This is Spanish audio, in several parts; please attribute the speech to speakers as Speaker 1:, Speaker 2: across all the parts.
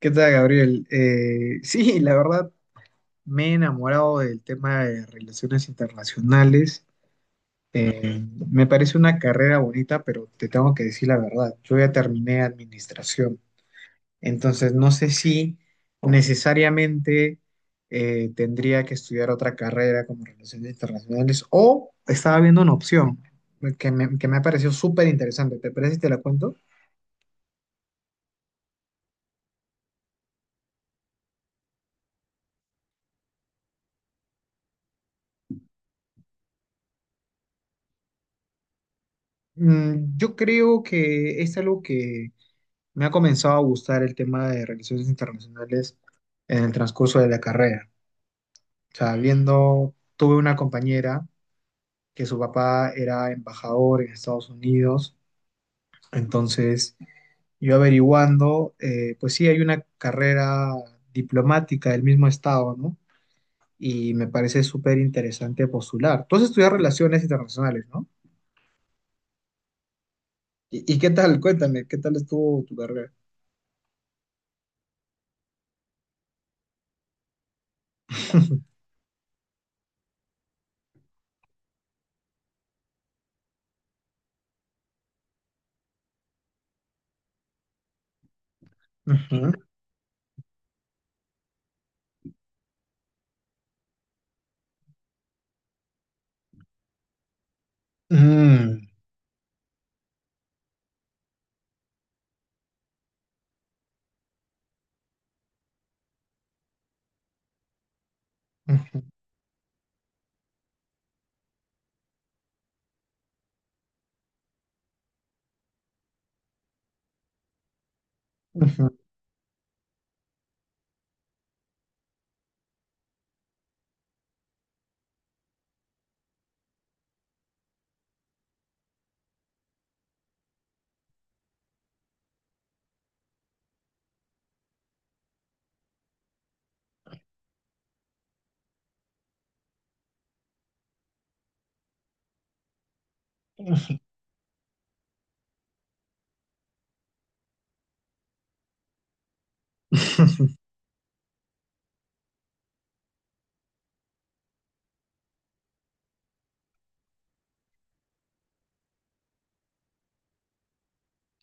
Speaker 1: ¿Qué tal, Gabriel? Sí, la verdad me he enamorado del tema de relaciones internacionales. Eh, me parece una carrera bonita, pero te tengo que decir la verdad. Yo ya terminé administración, entonces no sé si necesariamente tendría que estudiar otra carrera como relaciones internacionales, o estaba viendo una opción que me ha parecido súper interesante. ¿Te parece si te la cuento? Yo creo que es algo que me ha comenzado a gustar, el tema de relaciones internacionales en el transcurso de la carrera. O sea, viendo, tuve una compañera que su papá era embajador en Estados Unidos, entonces yo averiguando, pues sí, hay una carrera diplomática del mismo estado, ¿no? Y me parece súper interesante postular. Tú has estudiado relaciones internacionales, ¿no? ¿Y qué tal? Cuéntame, ¿qué tal estuvo tu carrera? Ujú. Mm. Ujú. Ujú.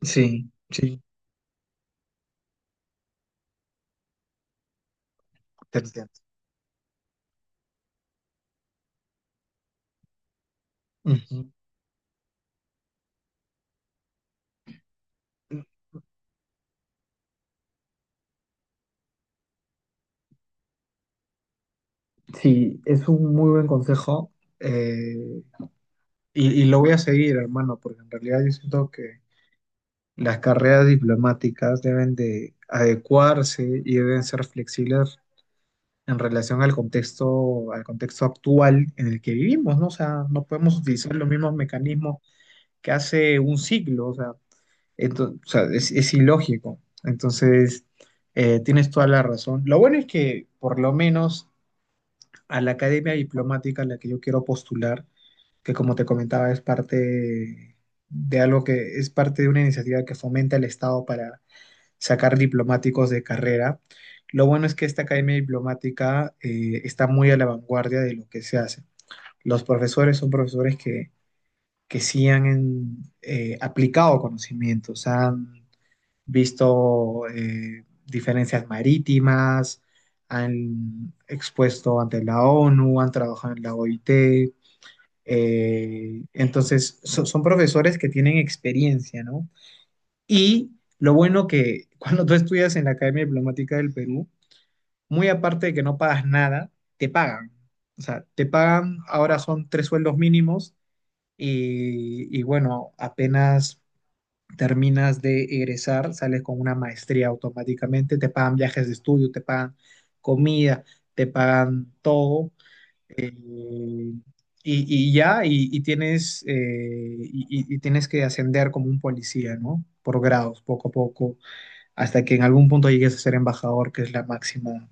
Speaker 1: Sí, sí, te entiendo. Ujú. Sí, es un muy buen consejo, eh, y lo voy a seguir, hermano, porque en realidad yo siento que las carreras diplomáticas deben de adecuarse y deben ser flexibles en relación al contexto actual en el que vivimos, ¿no? O sea, no podemos utilizar los mismos mecanismos que hace un siglo, o sea, o sea, es ilógico. Entonces, tienes toda la razón. Lo bueno es que por lo menos a la academia diplomática a la que yo quiero postular, que como te comentaba, es parte de algo que es parte de una iniciativa que fomenta el Estado para sacar diplomáticos de carrera. Lo bueno es que esta academia diplomática está muy a la vanguardia de lo que se hace. Los profesores son profesores que sí han aplicado conocimientos, han visto, diferencias marítimas, han expuesto ante la ONU, han trabajado en la OIT. Entonces, son profesores que tienen experiencia, ¿no? Y lo bueno que cuando tú estudias en la Academia Diplomática del Perú, muy aparte de que no pagas nada, te pagan. O sea, te pagan, ahora son tres sueldos mínimos, y bueno, apenas terminas de egresar, sales con una maestría automáticamente, te pagan viajes de estudio, te pagan comida, te pagan todo. Eh, y, y ya, y tienes que ascender como un policía, ¿no? Por grados, poco a poco, hasta que en algún punto llegues a ser embajador, que es la máxima,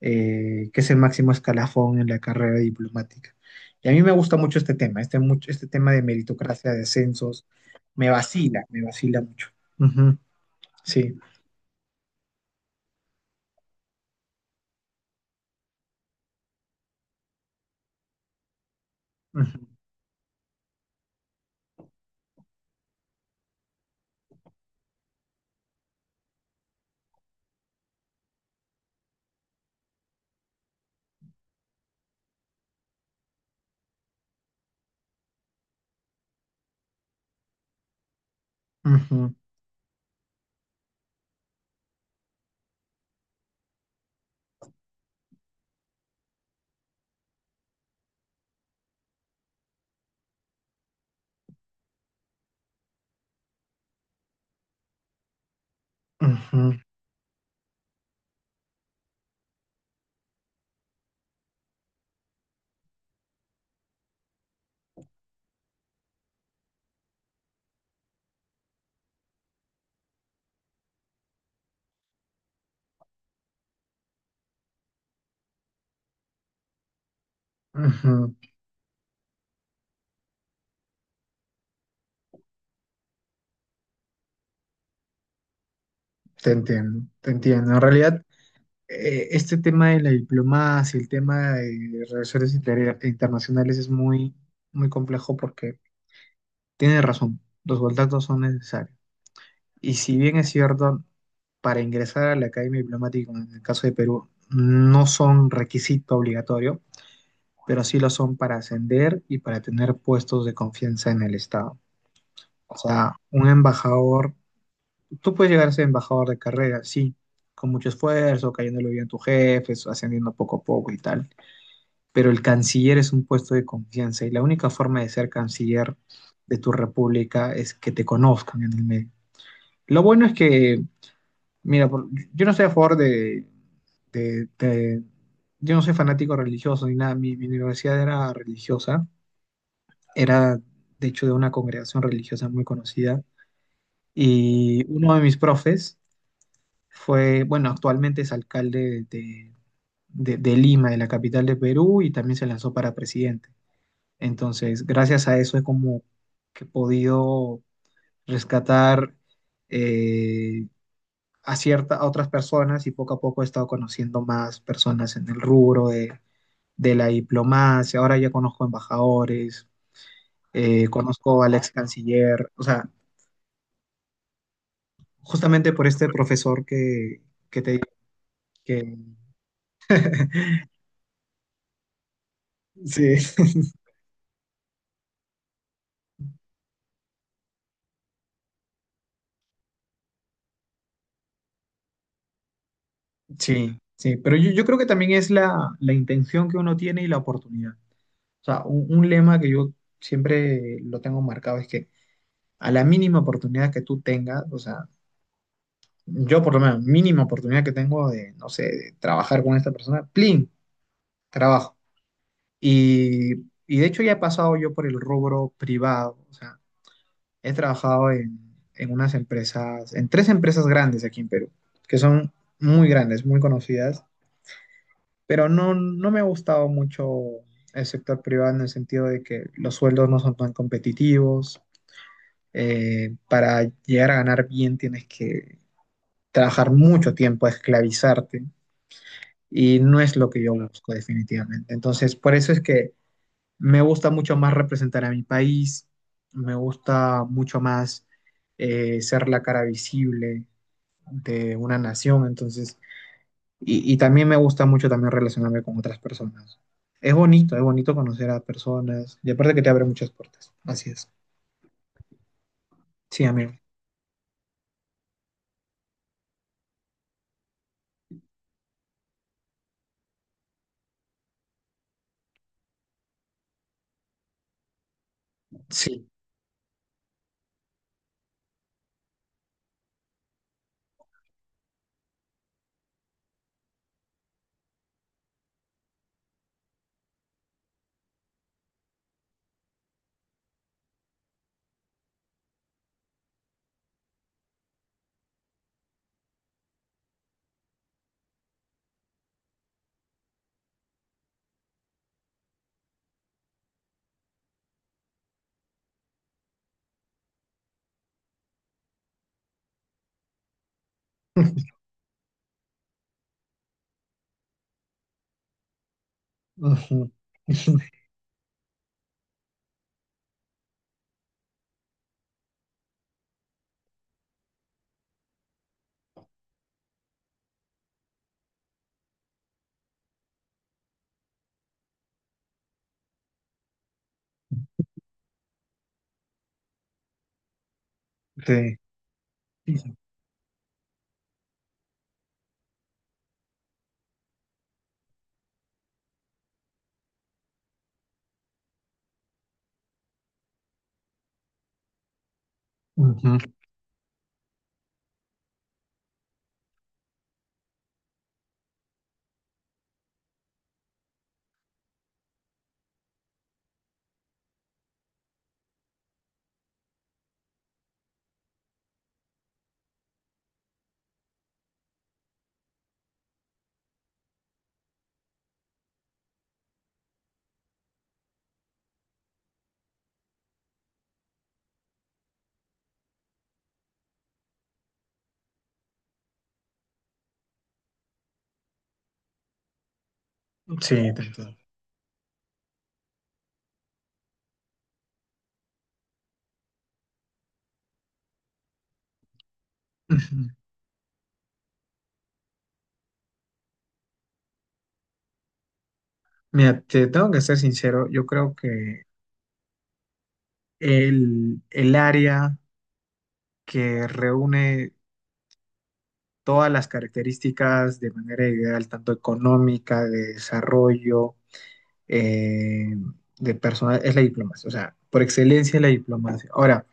Speaker 1: que es el máximo escalafón en la carrera diplomática. Y a mí me gusta mucho este tema, este tema de meritocracia, de ascensos, me vacila mucho. Ujú. Sí. Ujú, ujú, ujú, ujú. Te entiendo, te entiendo. En realidad, este tema de la diplomacia, el tema de relaciones internacionales es muy, muy complejo, porque tiene razón, los contactos son necesarios. Y si bien es cierto, para ingresar a la Academia Diplomática, en el caso de Perú, no son requisito obligatorio, pero sí lo son para ascender y para tener puestos de confianza en el Estado. O sea, un embajador tú puedes llegar a ser embajador de carrera, sí, con mucho esfuerzo, cayéndole bien a tus jefes, ascendiendo poco a poco y tal. Pero el canciller es un puesto de confianza, y la única forma de ser canciller de tu república es que te conozcan en el medio. Lo bueno es que, mira, yo no estoy a favor de, de- de- yo no soy fanático religioso ni nada. Mi universidad era religiosa, era de hecho de una congregación religiosa muy conocida. Y uno de mis profes fue, bueno, actualmente es alcalde de Lima, de la capital de Perú, y también se lanzó para presidente. Entonces, gracias a eso es como que he podido rescatar, eh, a a otras personas, y poco a poco he estado conociendo más personas en el rubro de la diplomacia. Ahora ya conozco embajadores, conozco al ex canciller, o sea, justamente por este profesor que te que, sí. Sí, sí, pero yo creo que también es la intención que uno tiene y la oportunidad. O sea, un lema que yo siempre lo tengo marcado es que, a la mínima oportunidad que tú tengas, o sea, yo por lo menos, mínima oportunidad que tengo de, no sé, de trabajar con esta persona, plin, trabajo. Y, y de hecho ya he pasado yo por el rubro privado, o sea, he trabajado en unas empresas, en tres empresas grandes aquí en Perú, que son muy grandes, muy conocidas, pero no, no me ha gustado mucho el sector privado, en el sentido de que los sueldos no son tan competitivos. Para llegar a ganar bien tienes que trabajar mucho tiempo, esclavizarte, y no es lo que yo, claro, busco definitivamente. Entonces, por eso es que me gusta mucho más representar a mi país, me gusta mucho más, ser la cara visible de una nación. Entonces, y también me gusta mucho también relacionarme con otras personas. Es bonito conocer a personas, y aparte que te abre muchas puertas. Así es. Sí, amigo. Sí. Ujú. Sí. Ujú. Sí, te entiendo. Ujú. Mira, te tengo que ser sincero, yo creo que el área que reúne todas las características de manera ideal, tanto económica, de desarrollo, eh, de personal, es la diplomacia, o sea, por excelencia es la diplomacia. Ahora,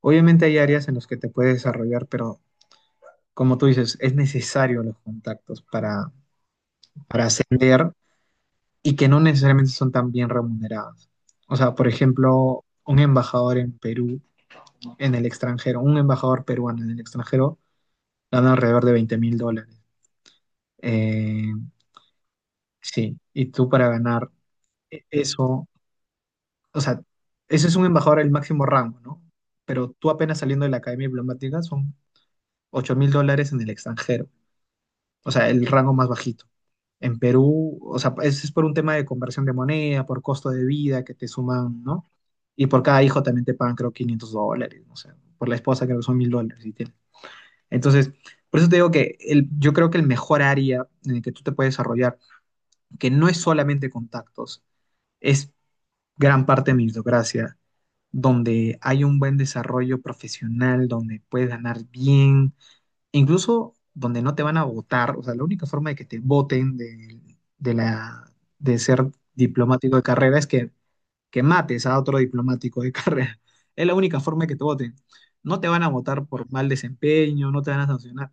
Speaker 1: obviamente hay áreas en las que te puedes desarrollar, pero como tú dices, es necesario los contactos para ascender, y que no necesariamente son tan bien remuneradas. O sea, por ejemplo, un embajador en Perú, en el extranjero, un embajador peruano en el extranjero, gana alrededor de $20,000. Eh, sí, y tú para ganar eso, o sea, ese es un embajador al máximo rango, ¿no? Pero tú apenas saliendo de la academia diplomática son $8,000 en el extranjero, o sea, el rango más bajito. En Perú, o sea, ese es por un tema de conversión de moneda, por costo de vida que te suman, ¿no? Y por cada hijo también te pagan, creo, $500, no sé, por la esposa creo que son $1,000. Y tiene. Entonces, por eso te digo que yo creo que el mejor área en el que tú te puedes desarrollar, que no es solamente contactos, es gran parte de meritocracia, donde hay un buen desarrollo profesional, donde puedes ganar bien, e incluso donde no te van a votar. O sea, la única forma de que te voten, de la, de ser diplomático de carrera es que mates a otro diplomático de carrera. Es la única forma de que te voten. No te van a votar por mal desempeño, no te van a sancionar.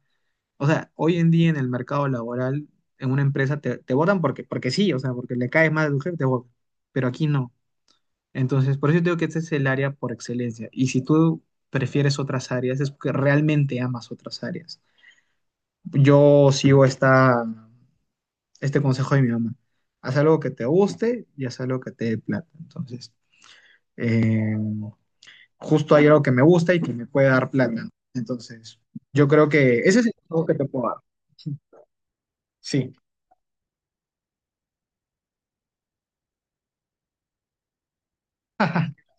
Speaker 1: O sea, hoy en día en el mercado laboral, en una empresa te votan porque sí, o sea, porque le cae mal al jefe, te votan. Pero aquí no. Entonces, por eso digo que este es el área por excelencia. Y si tú prefieres otras áreas, es porque realmente amas otras áreas. Yo sigo este consejo de mi mamá. Haz algo que te guste y haz algo que te dé plata. Entonces, eh, justo hay algo que me gusta y que me puede dar plata. Entonces, yo creo que ese es el consejo que te puedo dar. Sí.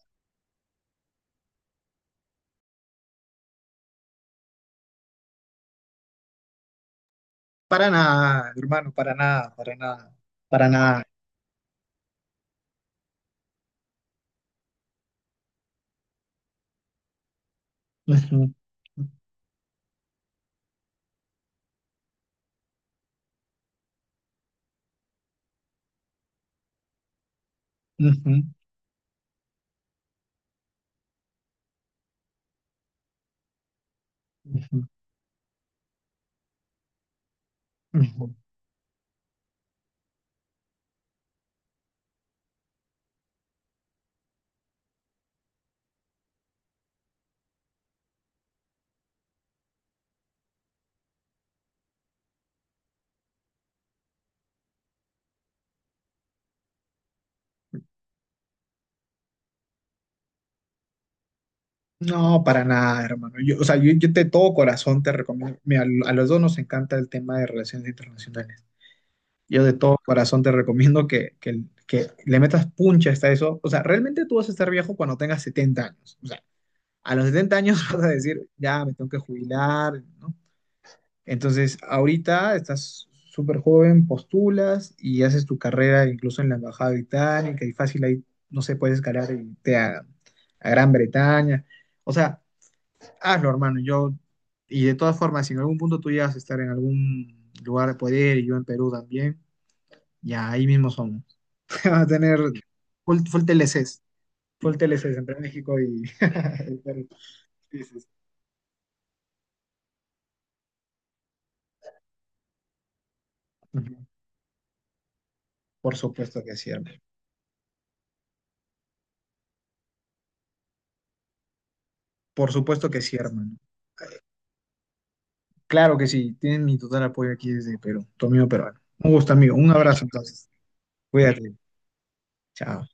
Speaker 1: Para nada, hermano, para nada, para nada, para nada. Ujú, ujú, ujú, ujú. No, para nada, hermano. Yo, o sea, yo de todo corazón te recomiendo. Mira, a los dos nos encanta el tema de relaciones internacionales. Yo de todo corazón te recomiendo que le metas puncha hasta eso. O sea, realmente tú vas a estar viejo cuando tengas 70 años. O sea, a los 70 años vas a decir, ya me tengo que jubilar, ¿no? Entonces, ahorita estás súper joven, postulas y haces tu carrera incluso en la Embajada Británica, y fácil ahí, no sé, puedes escalar y irte a Gran Bretaña. O sea, hazlo, hermano. Yo, y de todas formas, si en algún punto tú llegas a estar en algún lugar de poder y yo en Perú también, ya ahí mismo somos. Vas a tener full TLCs, full TLCs entre México y el Perú. Sí, sí, sí. Ujú. Por supuesto que sí, hermano. Por supuesto que sí, hermano. Claro que sí. Tienen mi total apoyo aquí desde Perú, tu amigo peruano. Un gusto, amigo. Un abrazo, entonces. Cuídate. Chao.